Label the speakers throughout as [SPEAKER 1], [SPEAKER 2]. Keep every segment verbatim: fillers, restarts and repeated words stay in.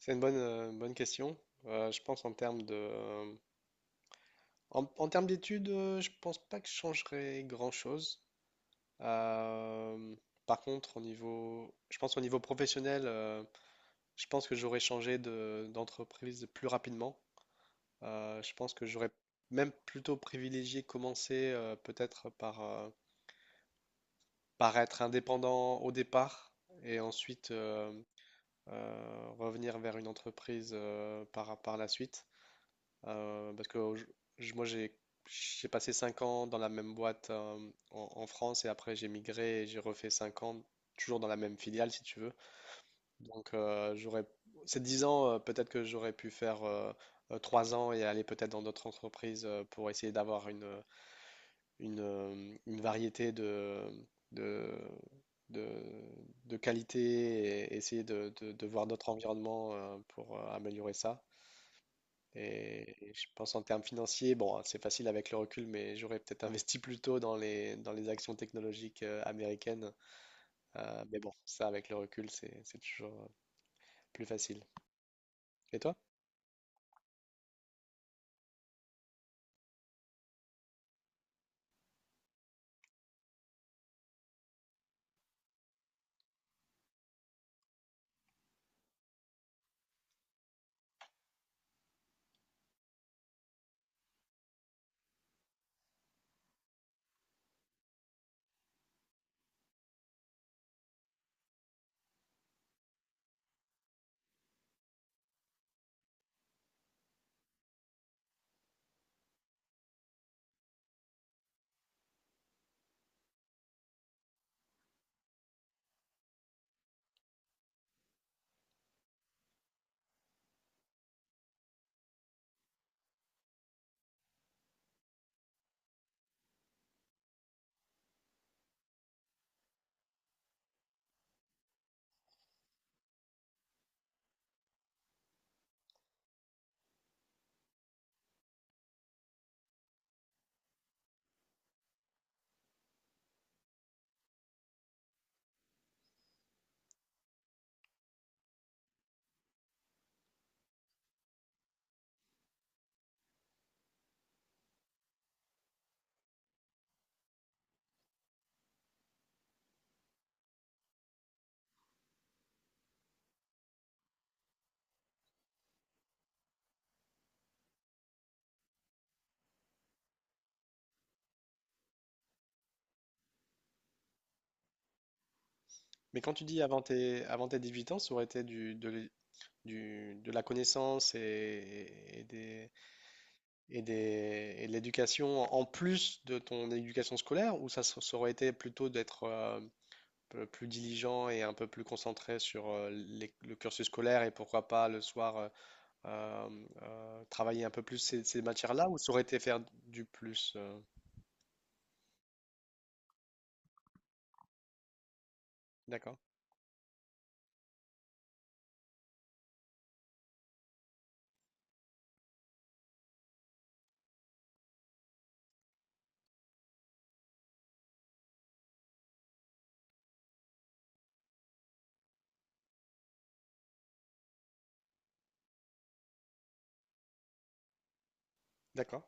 [SPEAKER 1] C'est une bonne, euh, une bonne question. Euh, je pense en termes de, en, en termes d'études, euh, je pense pas que je changerais grand-chose. Euh, par contre, au niveau, je pense au niveau professionnel, euh, je pense que j'aurais changé de, d'entreprise plus rapidement. Euh, je pense que j'aurais même plutôt privilégié commencer euh, peut-être par, euh, par être indépendant au départ et ensuite euh, euh, revenir vers une entreprise euh, par, par la suite. Euh, parce que je- je- moi, j'ai j'ai passé cinq ans dans la même boîte euh, en, en France et après j'ai migré et j'ai refait cinq ans toujours dans la même filiale, si tu veux. Donc, euh, j'aurais ces dix ans, euh, peut-être que j'aurais pu faire euh, euh, trois ans et aller peut-être dans d'autres entreprises euh, pour essayer d'avoir une, une, euh, une variété de, de, de, de qualité et essayer de, de- de voir d'autres environnements euh, pour euh, améliorer ça. Et je pense en termes financiers, bon, c'est facile avec le recul, mais j'aurais peut-être investi plus tôt dans les, dans les actions technologiques euh, américaines. Euh, mais bon, ça avec le recul, c'est, c'est toujours euh, plus facile. Et toi? Mais quand tu dis avant tes, avant tes dix-huit ans, ça aurait été du, de, l'é- du- de la connaissance et, et des, et des, et de l'éducation en plus de ton éducation scolaire, ou ça, s- ça aurait été plutôt d'être euh, peu plus diligent et un peu plus concentré sur euh, les- le cursus scolaire et pourquoi pas le soir euh, euh, euh, travailler un peu plus ces, ces matières-là ou ça aurait été faire du plus euh. D'accord, d'accord.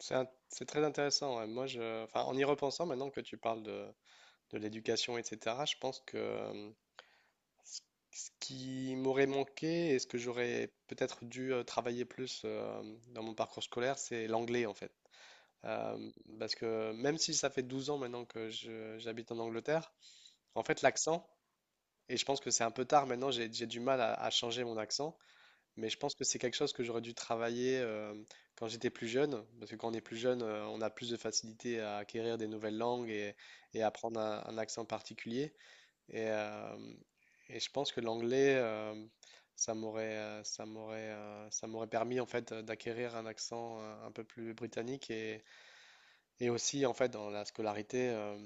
[SPEAKER 1] C'est un- c'est très intéressant. Ouais. Moi, je, enfin, en y repensant, maintenant que tu parles de, de l'éducation, et cetera, je pense que euh, ce ce qui m'aurait manqué et ce que j'aurais peut-être dû euh, travailler plus euh, dans mon parcours scolaire, c'est l'anglais, en fait. Euh, Parce que même si ça fait douze ans maintenant que je- j'habite en Angleterre, en fait l'accent, et je pense que c'est un peu tard maintenant, j'ai j'ai du mal à, à changer mon accent, mais je pense que c'est quelque chose que j'aurais dû travailler euh, quand j'étais plus jeune, parce que quand on est plus jeune, euh, on a plus de facilité à acquérir des nouvelles langues et, et apprendre un, un accent particulier. Et, euh, et je pense que l'anglais, euh, ça m'aurait euh, ça m'aurait euh, ça m'aurait permis en fait euh, d'acquérir un accent euh, un peu plus britannique et aussi, en fait, dans la scolarité, euh,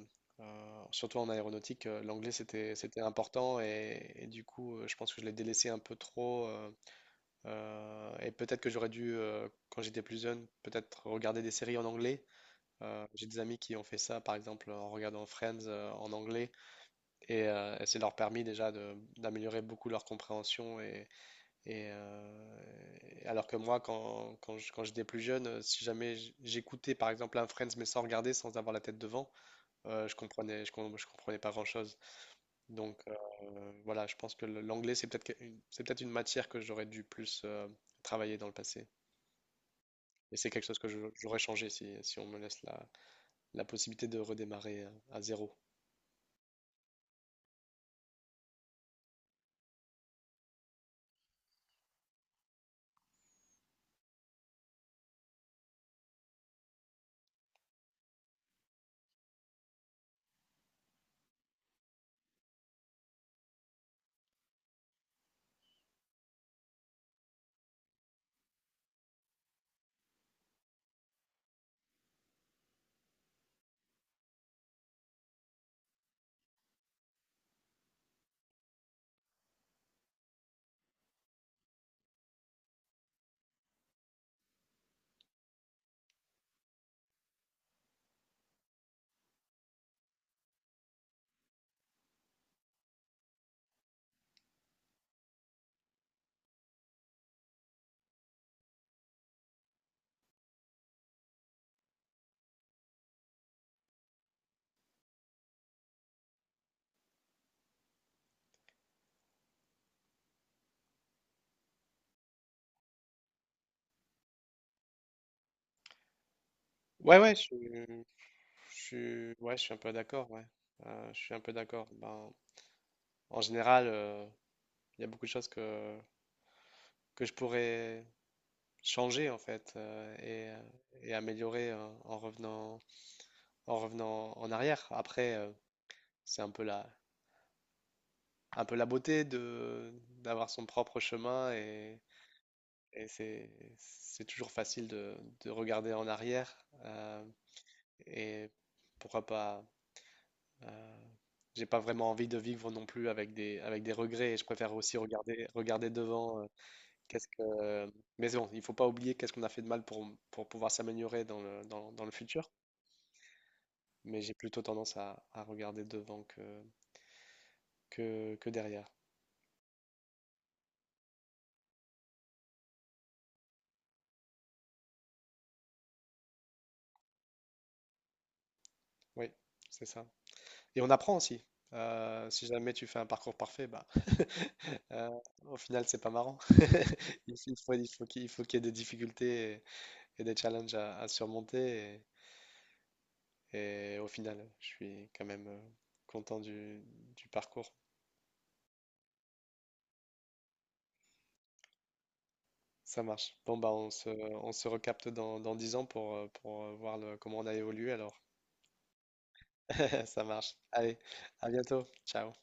[SPEAKER 1] euh, surtout en aéronautique, euh, l'anglais, c'était, c'était important. Et, et du coup, euh, je pense que je l'ai délaissé un peu trop. euh, euh, et peut-être que j'aurais dû, euh, quand j'étais plus jeune, peut-être regarder des séries en anglais. Euh, j'ai des amis qui ont fait ça, par exemple, en regardant Friends, euh, en anglais. Et, euh, et ça leur a permis déjà de- d'améliorer beaucoup leur compréhension. Et, et, euh, et- alors que moi, quand, quand je- quand j'étais plus jeune, euh, si jamais j- j'écoutais, par exemple, un Friends, mais sans regarder, sans avoir la tête devant, euh, je comprenais, je, com- je comprenais pas grand-chose. Donc euh, voilà, je pense que le- l'anglais, c'est peut-être que- une- c'est peut-être une matière que j'aurais dû plus euh, travailler dans le passé. Et c'est quelque chose que je- j'aurais changé si, si on me laisse la, la possibilité de redémarrer euh, à zéro. Ouais, ouais, je, suis- je suis- ouais, je suis un peu d'accord, ouais. Euh, je suis un peu d'accord. Ben, en général, euh, il y a beaucoup de choses que, que je pourrais changer, en fait, euh, et, euh, et améliorer euh, en revenant, en revenant en arrière. Après, euh. C'est un peu la, un peu la beauté de d'avoir son propre chemin et, et c'est c'est toujours facile de, de regarder en arrière euh, et pourquoi pas. euh, j'ai pas vraiment envie de vivre non plus avec des avec des regrets et je préfère aussi regarder regarder devant. Euh, qu'est-ce que mais c'est bon, il faut pas oublier qu'est-ce qu'on a fait de mal pour pour pouvoir s'améliorer dans le dans, dans le futur. Mais j'ai plutôt tendance à, à regarder devant que que, que derrière. Oui, c'est ça. Et on apprend aussi. Euh, si jamais tu fais un parcours parfait, bah, euh, au final, c'est pas marrant. Il faut, il faut- il faut qu'il il faut qu'il y ait des difficultés et, et des challenges à, à surmonter. Et, et au final, je suis quand même euh, content du, du parcours. Ça marche. Bon, bah, on se, on se recapte dans, dans dix ans pour, euh, pour euh, voir le- comment on a évolué alors. Ça marche. Allez, à bientôt. Ciao.